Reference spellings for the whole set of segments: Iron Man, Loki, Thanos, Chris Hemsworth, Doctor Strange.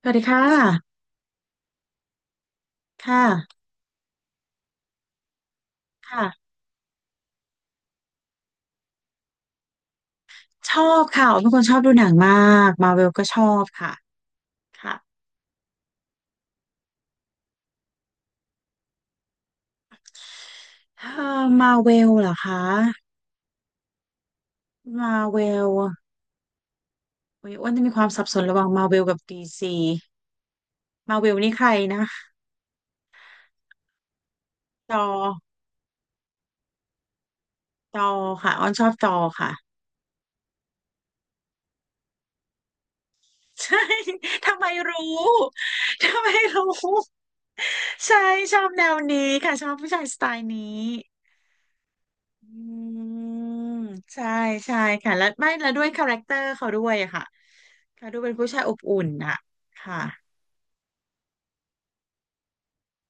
สวัสดีค่ะค่ะค่ะ ชอบค่ะอ๋อเป็นคนชอบดูหนังมากมาเวลก็ชอบค่ะค่ะมาเวลเหรอคะมาเวลโอ้ยอ้วนจะมีความสับสนระหว่างมาเวลกับดีซีมาเวลนี่ใครนะจอจอค่ะอ้อนชอบจอค่ะ ใช่ ทำไมรู้ ทำไมรู้ ใช่ ชอบแนวนี้ค่ะ ชอบผู้ชายสไตล์นี้อืมใช่ใช่ค่ะแล้วไม่แล้วด้วยคาแรคเตอร์เขาด้วยอะค่ะ ค่ะดูเป็นผู้ชายอบอุ่นน่ะค่ะ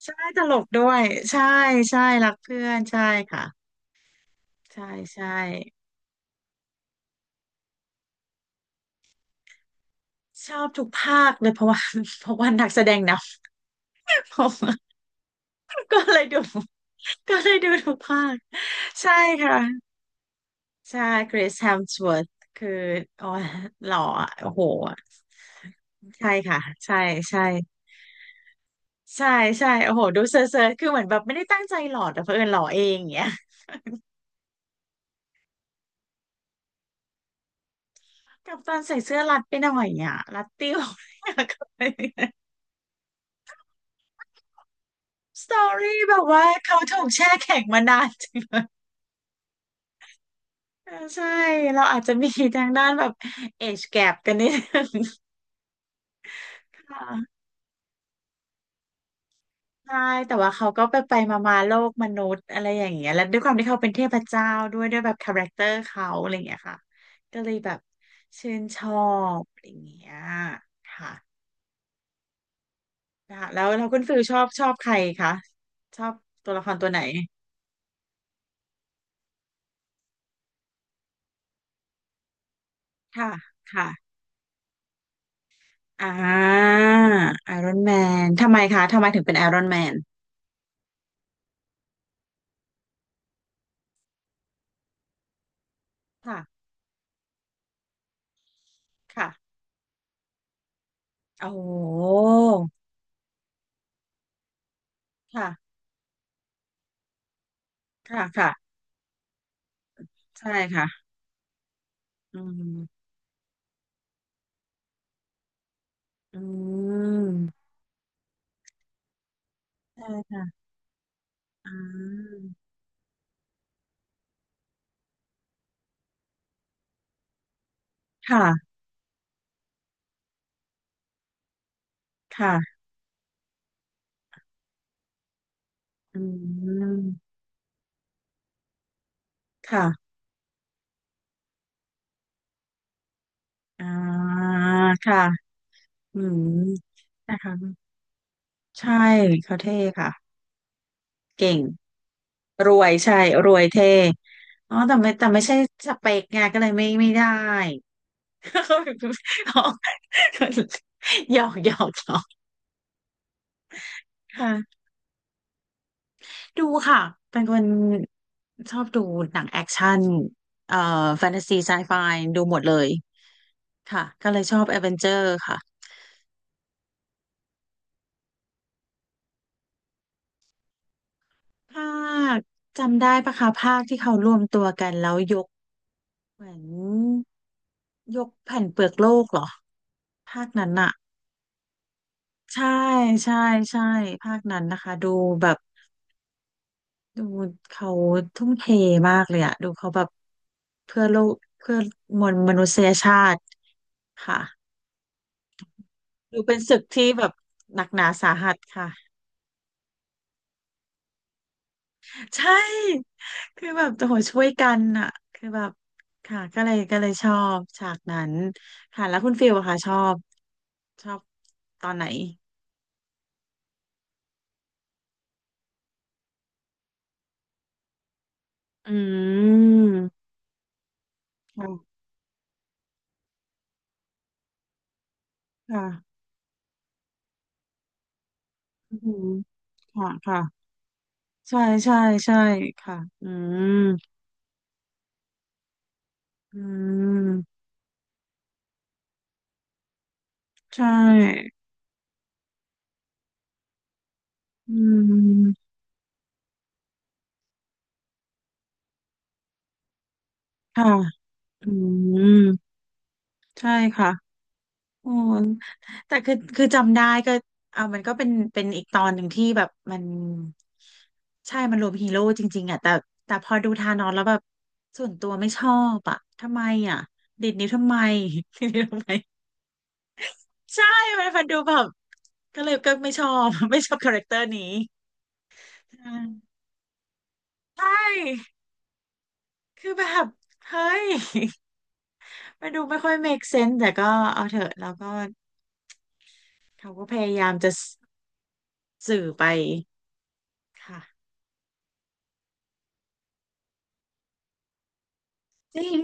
ใช่ตลกด้วยใช่ใช่รักเพื่อนใช่ค่ะใช่ใช่ชอบทุกภาคเลยเพราะว่า เพราะว่านักแสดงนำ เพราะว่าก็เลยดู ก็เลยดูทุกภาคใช่ค่ะใช่คริสแฮมส w ว r t h คือโอ้ยหล่ออะโอ้โหใช่ค่ะใช่ใช่ใช่ใช่โอ้โหดูเซอร์เซอร์คือเหมือนแบบไม่ได้ตั้งใจหล่อดแต่เผอิญหล่อเองอย่างเงี้ย กับตอนใส่เสื้อรัดไปหน่อยอ่ะรัดติ้วอยากกลับไปสตอรี่แบบว่าเขาถูกแช่แข็งมานานจริงเลยเออใช่เราอาจจะมีทางด้านแบบเอ e แกปกันนิดนึงค่ะใช่แต่ว่าเขาก็ไปไปมามาๆโลกมนุษย์อะไรอย่างเงี้ยแล้วด้วยความที่เขาเป็นเทพเจ้าด้วยด้วยแบบคาแรคเตอร์เขาอะไรอย่างเงี้ยค่ะก็เลยแบบชื่นชอบอะไรอย่างเงี้ยค่ะนะคะแล้วเราคุณฟิลชอบชอบใครคะชอบตัวละครตัวไหนค่ะค่ะ อ่าไอรอนแมนทำไมคะทำไมถึงเป็นไอรอนแมนค่ะค่ะโอ้โหค่ะค่ะค่ะใช่ค่ะอืมอืมใช่ค่ะอ่าค่ะค่ะอืมค่ะอ่าค่ะอืมนะคะใช่เขาเท่ค่ะเก่งรวยใช่รวยเท่อ๋อแต่ไม่แต่ไม่ใช่สเปกไงก็เลยไม่ได้ เขาแบบอ๋อ หยอกหยอกหยอกค่ะดูค่ะ เป็นคนชอบดูหนังแอคชั่นเอ่อแฟนตาซีไซไฟดูหมดเลยค่ะก็เลยชอบแอ v เวนเจอร์ค่ะภาคจำได้ปะคะภาคที่เขารวมตัวกันแล้วยกเหมือนยกแผ่นเปลือกโลกเหรอ ภาคนั้นอะใช่ใช่ ใช่ ภาคนั้นนะคะดูแบบ ดูเขาทุ่มเทมากเลยอะดูเขาแบบเพื่อโลกเพื่อมวลมนุษยชาติค่ะดูเป็นศึกที่แบบหนักหนาสาหัสค่ะใช่คือแบบโอ้โหช่วยกันอะคือแบบค่ะก็เลยชอบฉากนั้นค่ะแล้วคุณฟิลอะค่ะชอบชอบตอนไหนอืมค่ะค่ะอืมค่ะค่ะใช่ใช่ใช่ค่ะอืมอืมใช่ อืมค่ะอืมใช่ค่ะโอ้แต่คือคือจำได้ก็เอามันก็เป็นเป็นอีกตอนหนึ่งที่แบบมันใช่มันรวมฮีโร่จริงๆอ่ะแต่แต่พอดูทานอสแล้วแบบส่วนตัวไม่ชอบอ่ะทำไมอ่ะดิดนิ้วทำไม ดิดนิ้วทำไมใช่มันมันดูแบบก็เลยก็ไม่ชอบ ไม่ชอบคาแรคเตอร์นี้อืมใช่คือแบบเฮ้ย มันดูไม่ค่อย make sense แต่ก็เอาเถอะแล้วก็ เขาก็พยายามจะสสื่อไปค่ะจริง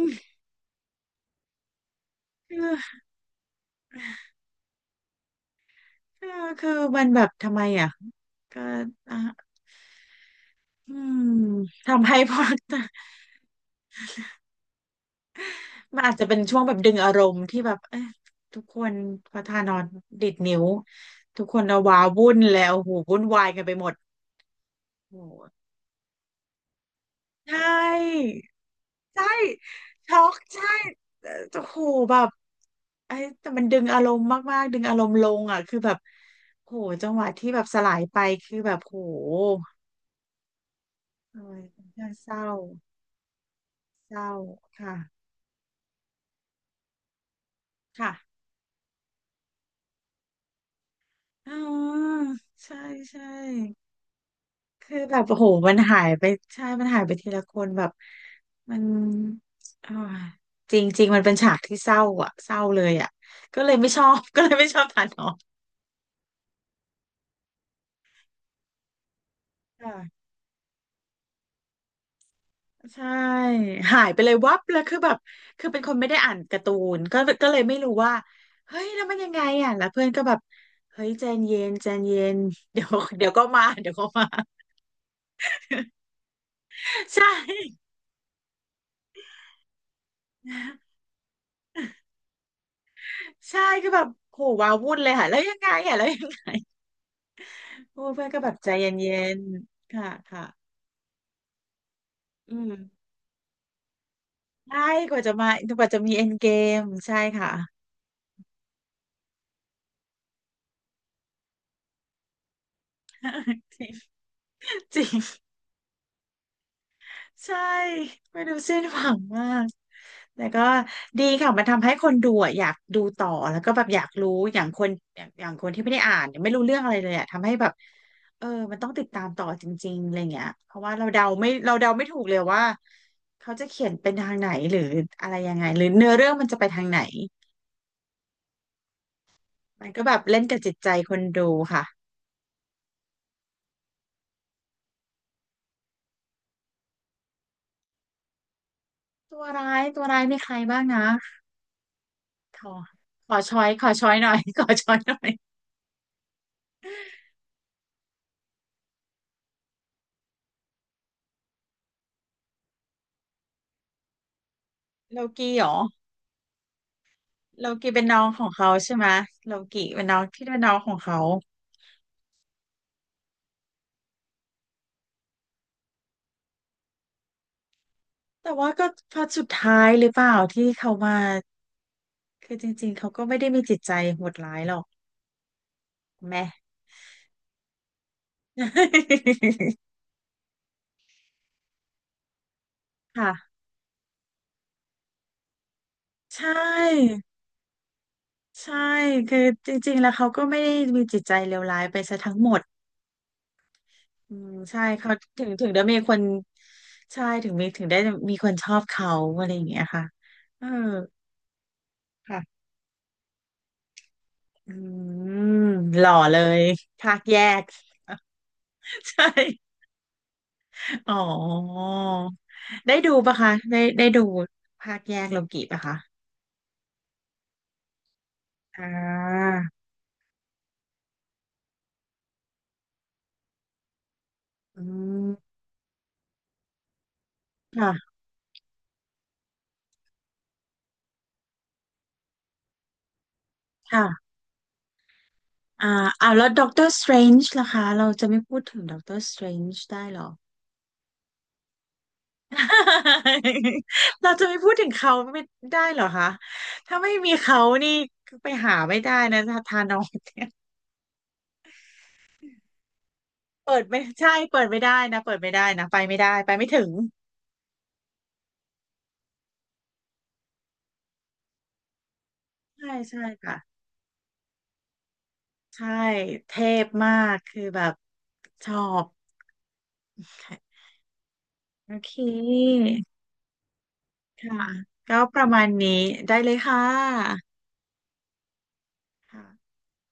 คือคือคือมันแบบทำไมอ่ะก็อ่ะอืมทำให้พวก มันอาจจะเป็นช่วงแบบดึงอารมณ์ที่แบบเอ๊ะทุกคนพอทานอนดิดนิ้วทุกคนเอาวาวุ่นแล้วโอ้โหวุ่นวายกันไปหมดโอ้โหใช่ ใช่ช็อกใช่โอ้โหแบบไอ้แต่มันดึงอารมณ์มากๆดึงอารมณ์ลงอ่ะคือแบบโหจังหวะที่แบบสลายไปคือแบบโหเอ้ยน่าเศร้าเศร้าค่ะค่ะอ๋อใช่ใช่คือแบบโอ้โหมันหายไปใช่มันหายไปทีละคนแบบมันอ่าจริงจริงมันเป็นฉากที่เศร้าอ่ะเศร้าเลยอ่ะก็เลยไม่ชอบ ก็เลยไม่ชอบทานออกค่ะ ใช่หายไปเลยวับแล้วคือแบบคือเป็นคนไม่ได้อ่านการ์ตูนก็ก็เลยไม่รู้ว่าเฮ้ยแล้วมันยังไงอ่ะแล้วเพื่อนก็แบบเฮ้ยใจเย็นใจเย็นเดี๋ยวเดี๋ยวก็มาเดี๋ยวก็มาใช่ใช่คือแบบโหว้าวุ่นเลยค่ะแล้วยังไงอ่ะแล้วยังไงโอ้เพื่อนก็แบบใจเย็นๆค่ะค่ะอืมใช่กว่าจะมากว่าจะมีเอ็นเกมใช่ค่ะ จริง ใช่ไม่ดูสิ้นหวังมากแต่ก็ดีค่ะมันทำให้คนดูอะอยากดูต่อแล้วก็แบบอยากรู้อย่างคนอย่างอย่างคนที่ไม่ได้อ่านเนี่ยไม่รู้เรื่องอะไรเลยอะทำให้แบบเออมันต้องติดตามต่อจริงๆอะไรเงี้ยเพราะว่าเราเดาไม่ถูกเลยว่าเขาจะเขียนเป็นทางไหนหรืออะไรยังไงหรือเนื้อเรื่องมันจะไปทางไหนมันก็แบบเล่นกับจิตใจคนดูค่ะตัวร้ายตัวร้ายมีใครบ้างนะขอขอช้อยขอช้อยหน่อย ขอช้อยหน่อยโลกี้เหรอ โลกิเป็นน้องของเขาใช่ไหมโลกิเป็นน้องที่เป็นน้องของเขาแต่ว่าก็พอสุดท้ายหรือเปล่าที่เขามาคือจริงๆเขาก็ไม่ได้มีจิตใจโหดร้ายหรอกแม่ ค่ะใช่ใช่คือจริงๆแล้วเขาก็ไม่ได้มีจิตใจเลวร้ายไปซะทั้งหมดอืมใช่เขาถึงถึงได้มีคนใช่ถึงมีถึงได้มีคนชอบเขาอะไรอย่างเงี้ยค่ะเออค่ะอืมหล่อเลยภาคแยก ใช่อ๋อได้ดูปะคะได้ได้ดูภาคแยกโลกิปะคะอ่าอืมค่ะค่ะอ่าอ่าแล้วด็อกเตอร์สเตรนจ์ล่ะคะเราจะไม่พูดถึงด็อกเตอร์สเตรนจ์ได้เหรอ เราจะไม่พูดถึงเขาไม่ได้เหรอคะถ้าไม่มีเขานี่ไปหาไม่ได้นะทานอสเปิดไม่ใช่เปิดไม่ได้นะเปิดไม่ได้นะไปไม่ได้ไปไม่ถึงใช่ใช่ค่ะ ใช่เทพมากคือแบบชอบ โอเคค่ะก็ประมาณนี้ได้เลยค่ะค่ะ